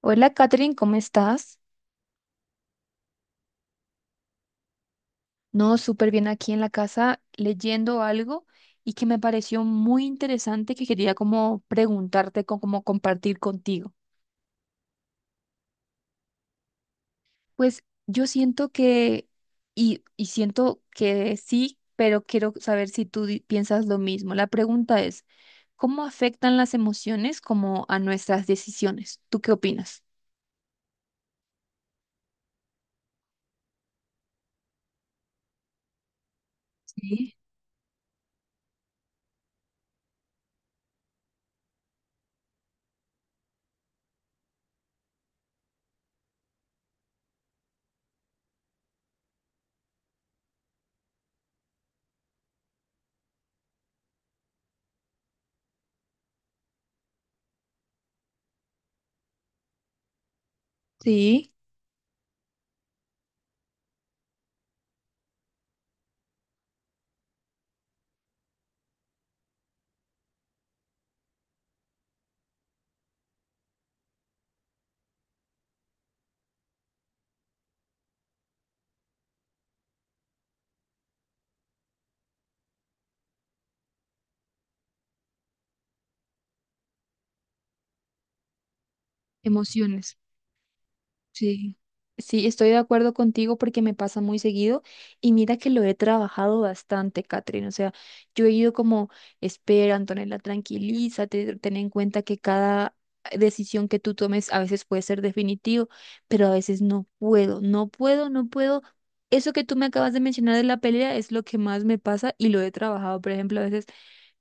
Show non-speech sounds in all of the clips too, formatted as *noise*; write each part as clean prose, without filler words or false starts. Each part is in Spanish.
Hola, Catherine, ¿cómo estás? No, súper bien aquí en la casa leyendo algo y que me pareció muy interesante que quería como preguntarte, como compartir contigo. Pues yo siento que, y siento que sí, pero quiero saber si tú piensas lo mismo. La pregunta es, ¿cómo afectan las emociones como a nuestras decisiones? ¿Tú qué opinas? Sí, sí, emociones. Sí, sí, estoy de acuerdo contigo porque me pasa muy seguido y mira que lo he trabajado bastante, Catherine. O sea, yo he ido como, espera, Antonella, tranquilízate, ten en cuenta que cada decisión que tú tomes a veces puede ser definitivo, pero a veces no puedo, no puedo, no puedo. Eso que tú me acabas de mencionar de la pelea es lo que más me pasa y lo he trabajado. Por ejemplo, a veces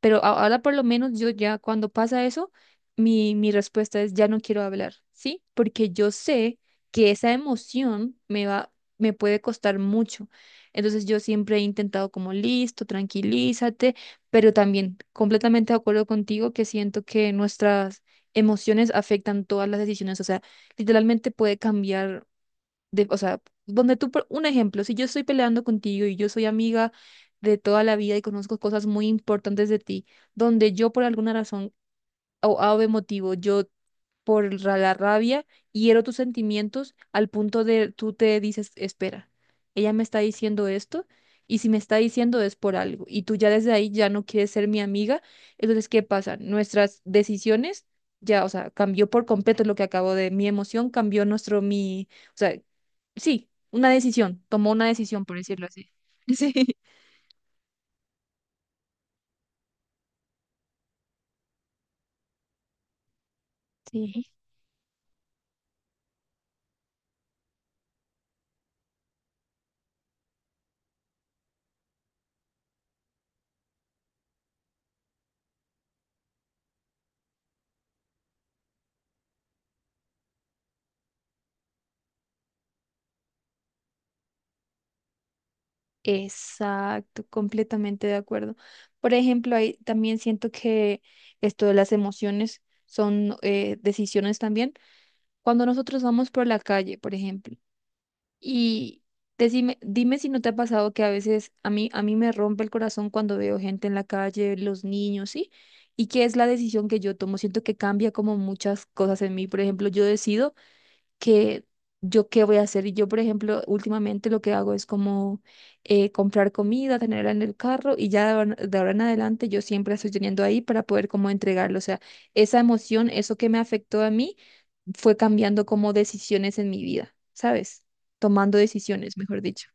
ahora por lo menos yo ya cuando pasa eso, mi respuesta es ya no quiero hablar, ¿sí? Porque yo sé que esa emoción me va, me puede costar mucho. Entonces yo siempre he intentado como listo, tranquilízate, pero también completamente de acuerdo contigo que siento que nuestras emociones afectan todas las decisiones. O sea, literalmente puede cambiar o sea, donde tú, por un ejemplo, si yo estoy peleando contigo y yo soy amiga de toda la vida y conozco cosas muy importantes de ti, donde yo por alguna razón o A o B motivo, yo la rabia, hiero tus sentimientos al punto de tú te dices, espera, ella me está diciendo esto y si me está diciendo es por algo y tú ya desde ahí ya no quieres ser mi amiga, entonces ¿qué pasa? Nuestras decisiones ya, o sea, cambió por completo lo que acabo de, mi emoción cambió nuestro, mi, o sea, sí, una decisión, tomó una decisión por decirlo así. *laughs* Sí. Sí. Exacto, completamente de acuerdo. Por ejemplo, ahí también siento que esto de las emociones son decisiones también. Cuando nosotros vamos por la calle, por ejemplo, y decime, dime si no te ha pasado que a veces a mí me rompe el corazón cuando veo gente en la calle, los niños, ¿sí? ¿Y qué es la decisión que yo tomo? Siento que cambia como muchas cosas en mí. Por ejemplo, yo decido que yo qué voy a hacer. Y yo, por ejemplo, últimamente lo que hago es como comprar comida, tenerla en el carro y ya de ahora en adelante yo siempre la estoy teniendo ahí para poder como entregarlo. O sea, esa emoción, eso que me afectó a mí, fue cambiando como decisiones en mi vida, ¿sabes? Tomando decisiones, mejor dicho.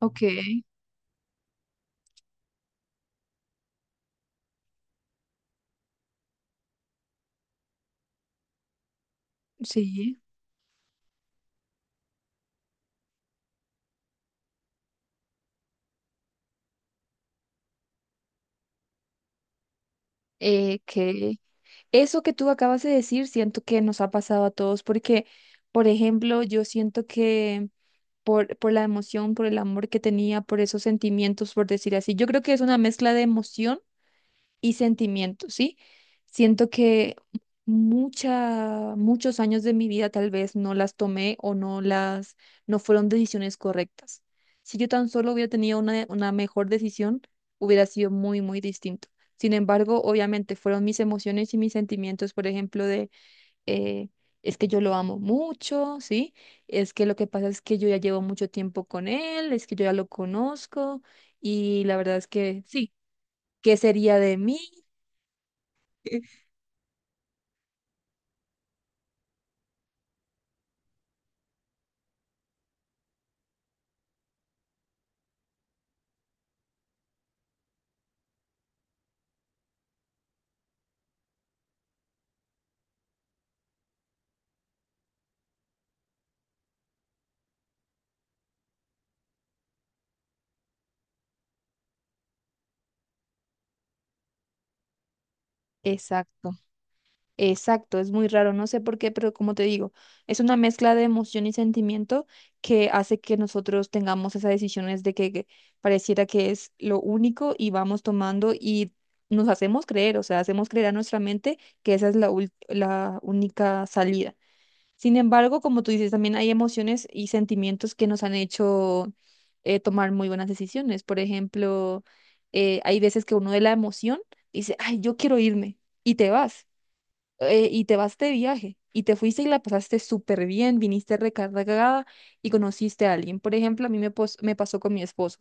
Ok, sí. Que eso que tú acabas de decir siento que nos ha pasado a todos porque, por ejemplo, yo siento que por la emoción, por el amor que tenía, por esos sentimientos, por decir así. Yo creo que es una mezcla de emoción y sentimiento, ¿sí? Siento que muchos años de mi vida tal vez no las tomé o no las, no fueron decisiones correctas. Si yo tan solo hubiera tenido una mejor decisión, hubiera sido muy distinto. Sin embargo, obviamente fueron mis emociones y mis sentimientos, por ejemplo, de eh, es que yo lo amo mucho, ¿sí? Es que lo que pasa es que yo ya llevo mucho tiempo con él, es que yo ya lo conozco y la verdad es que sí, ¿qué sería de mí? *laughs* Exacto, exacto, es muy raro, no sé por qué, pero como te digo, es una mezcla de emoción y sentimiento que hace que nosotros tengamos esas decisiones de que pareciera que es lo único y vamos tomando y nos hacemos creer, o sea, hacemos creer a nuestra mente que esa es la única salida. Sin embargo, como tú dices, también hay emociones y sentimientos que nos han hecho tomar muy buenas decisiones. Por ejemplo, hay veces que uno de la emoción dice, ay, yo quiero irme, y te vas, y te vas de viaje, y te fuiste y la pasaste súper bien, viniste recargada y conociste a alguien. Por ejemplo, a mí me, pos- me pasó con mi esposo.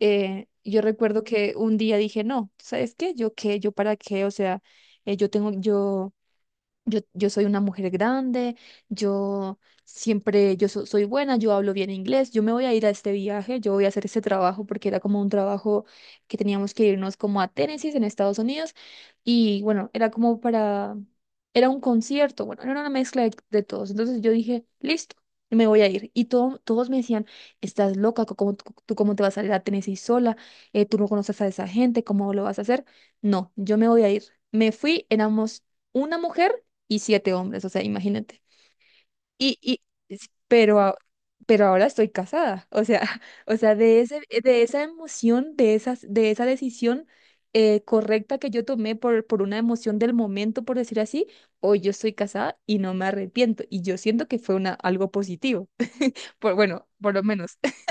Yo recuerdo que un día dije, no, ¿sabes qué? ¿Yo qué? ¿Yo para qué? O sea, eh, yo tengo, yo... Yo, yo soy una mujer grande, yo siempre, soy buena, yo hablo bien inglés, yo me voy a ir a este viaje, yo voy a hacer este trabajo porque era como un trabajo que teníamos que irnos como a Tennessee en Estados Unidos y bueno, era como para, era un concierto, bueno, era una mezcla de todos. Entonces yo dije, listo, me voy a ir. Y todos me decían, estás loca, ¿ tú cómo te vas a ir a Tennessee sola? Tú no conoces a esa gente, ¿cómo lo vas a hacer? No, yo me voy a ir. Me fui, éramos una mujer y siete hombres, o sea, imagínate. Y, y, es- pero, a- pero ahora estoy casada, o sea, *laughs* o sea, de esa emoción, de esa decisión correcta que yo tomé por una emoción del momento, por decir así, hoy yo estoy casada y no me arrepiento, y yo siento que fue una, algo positivo, por, bueno, por lo menos. *laughs*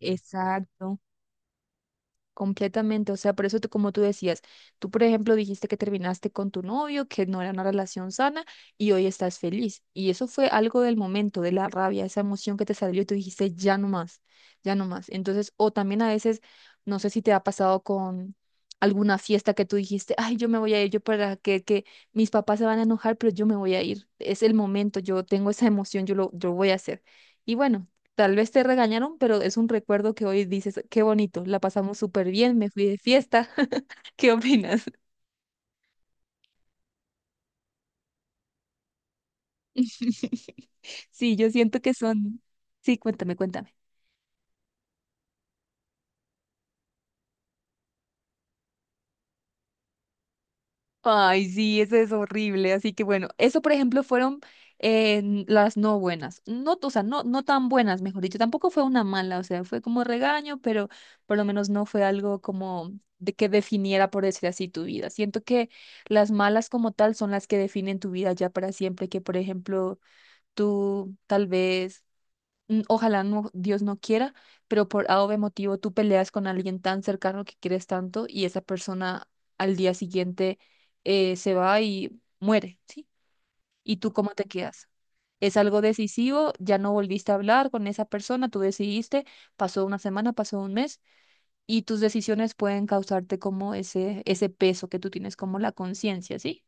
Exacto. Completamente, o sea, por eso tú, como tú decías, tú por ejemplo dijiste que terminaste con tu novio, que no era una relación sana y hoy estás feliz. Y eso fue algo del momento, de la rabia, esa emoción que te salió y tú dijiste, ya no más, ya no más. Entonces, o también a veces, no sé si te ha pasado con alguna fiesta que tú dijiste, ay, yo me voy a ir, yo para que mis papás se van a enojar, pero yo me voy a ir. Es el momento, yo tengo esa emoción, yo voy a hacer. Y bueno. Tal vez te regañaron, pero es un recuerdo que hoy dices, qué bonito, la pasamos súper bien, me fui de fiesta. *laughs* ¿Qué opinas? *laughs* Sí, yo siento que son... Sí, cuéntame, cuéntame. Ay, sí, eso es horrible. Así que bueno, eso por ejemplo fueron eh, las no buenas. No, o sea, no tan buenas, mejor dicho. Tampoco fue una mala, o sea, fue como regaño, pero por lo menos no fue algo como de que definiera, por decir así, tu vida. Siento que las malas como tal son las que definen tu vida ya para siempre, que por ejemplo tú tal vez, mm, ojalá no, Dios no quiera, pero por A o B motivo tú peleas con alguien tan cercano que quieres tanto y esa persona al día siguiente se va y muere, ¿sí? ¿Y tú cómo te quedas? Es algo decisivo, ya no volviste a hablar con esa persona, tú decidiste, pasó una semana, pasó un mes y tus decisiones pueden causarte como ese peso que tú tienes como la conciencia, ¿sí?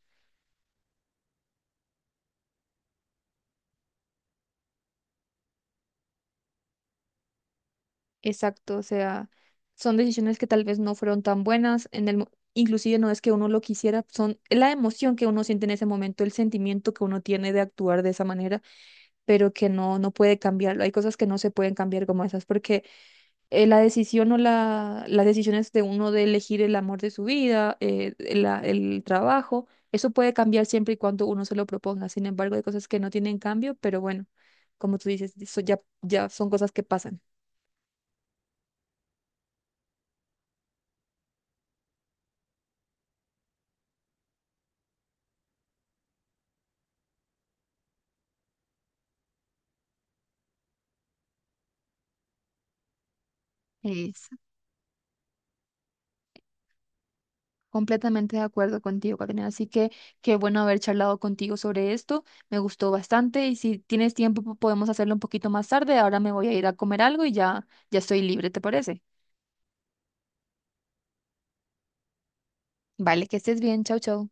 Exacto, o sea, son decisiones que tal vez no fueron tan buenas en inclusive no es que uno lo quisiera, son es la emoción que uno siente en ese momento, el sentimiento que uno tiene de actuar de esa manera, pero que no puede cambiarlo. Hay cosas que no se pueden cambiar como esas porque la decisión o la las decisiones de uno de elegir el amor de su vida, el trabajo, eso puede cambiar siempre y cuando uno se lo proponga. Sin embargo, hay cosas que no tienen cambio, pero bueno, como tú dices, eso ya son cosas que pasan. Completamente de acuerdo contigo, Carolina. Así que qué bueno haber charlado contigo sobre esto. Me gustó bastante y si tienes tiempo podemos hacerlo un poquito más tarde. Ahora me voy a ir a comer algo y ya estoy libre, ¿te parece? Vale, que estés bien. Chau, chau.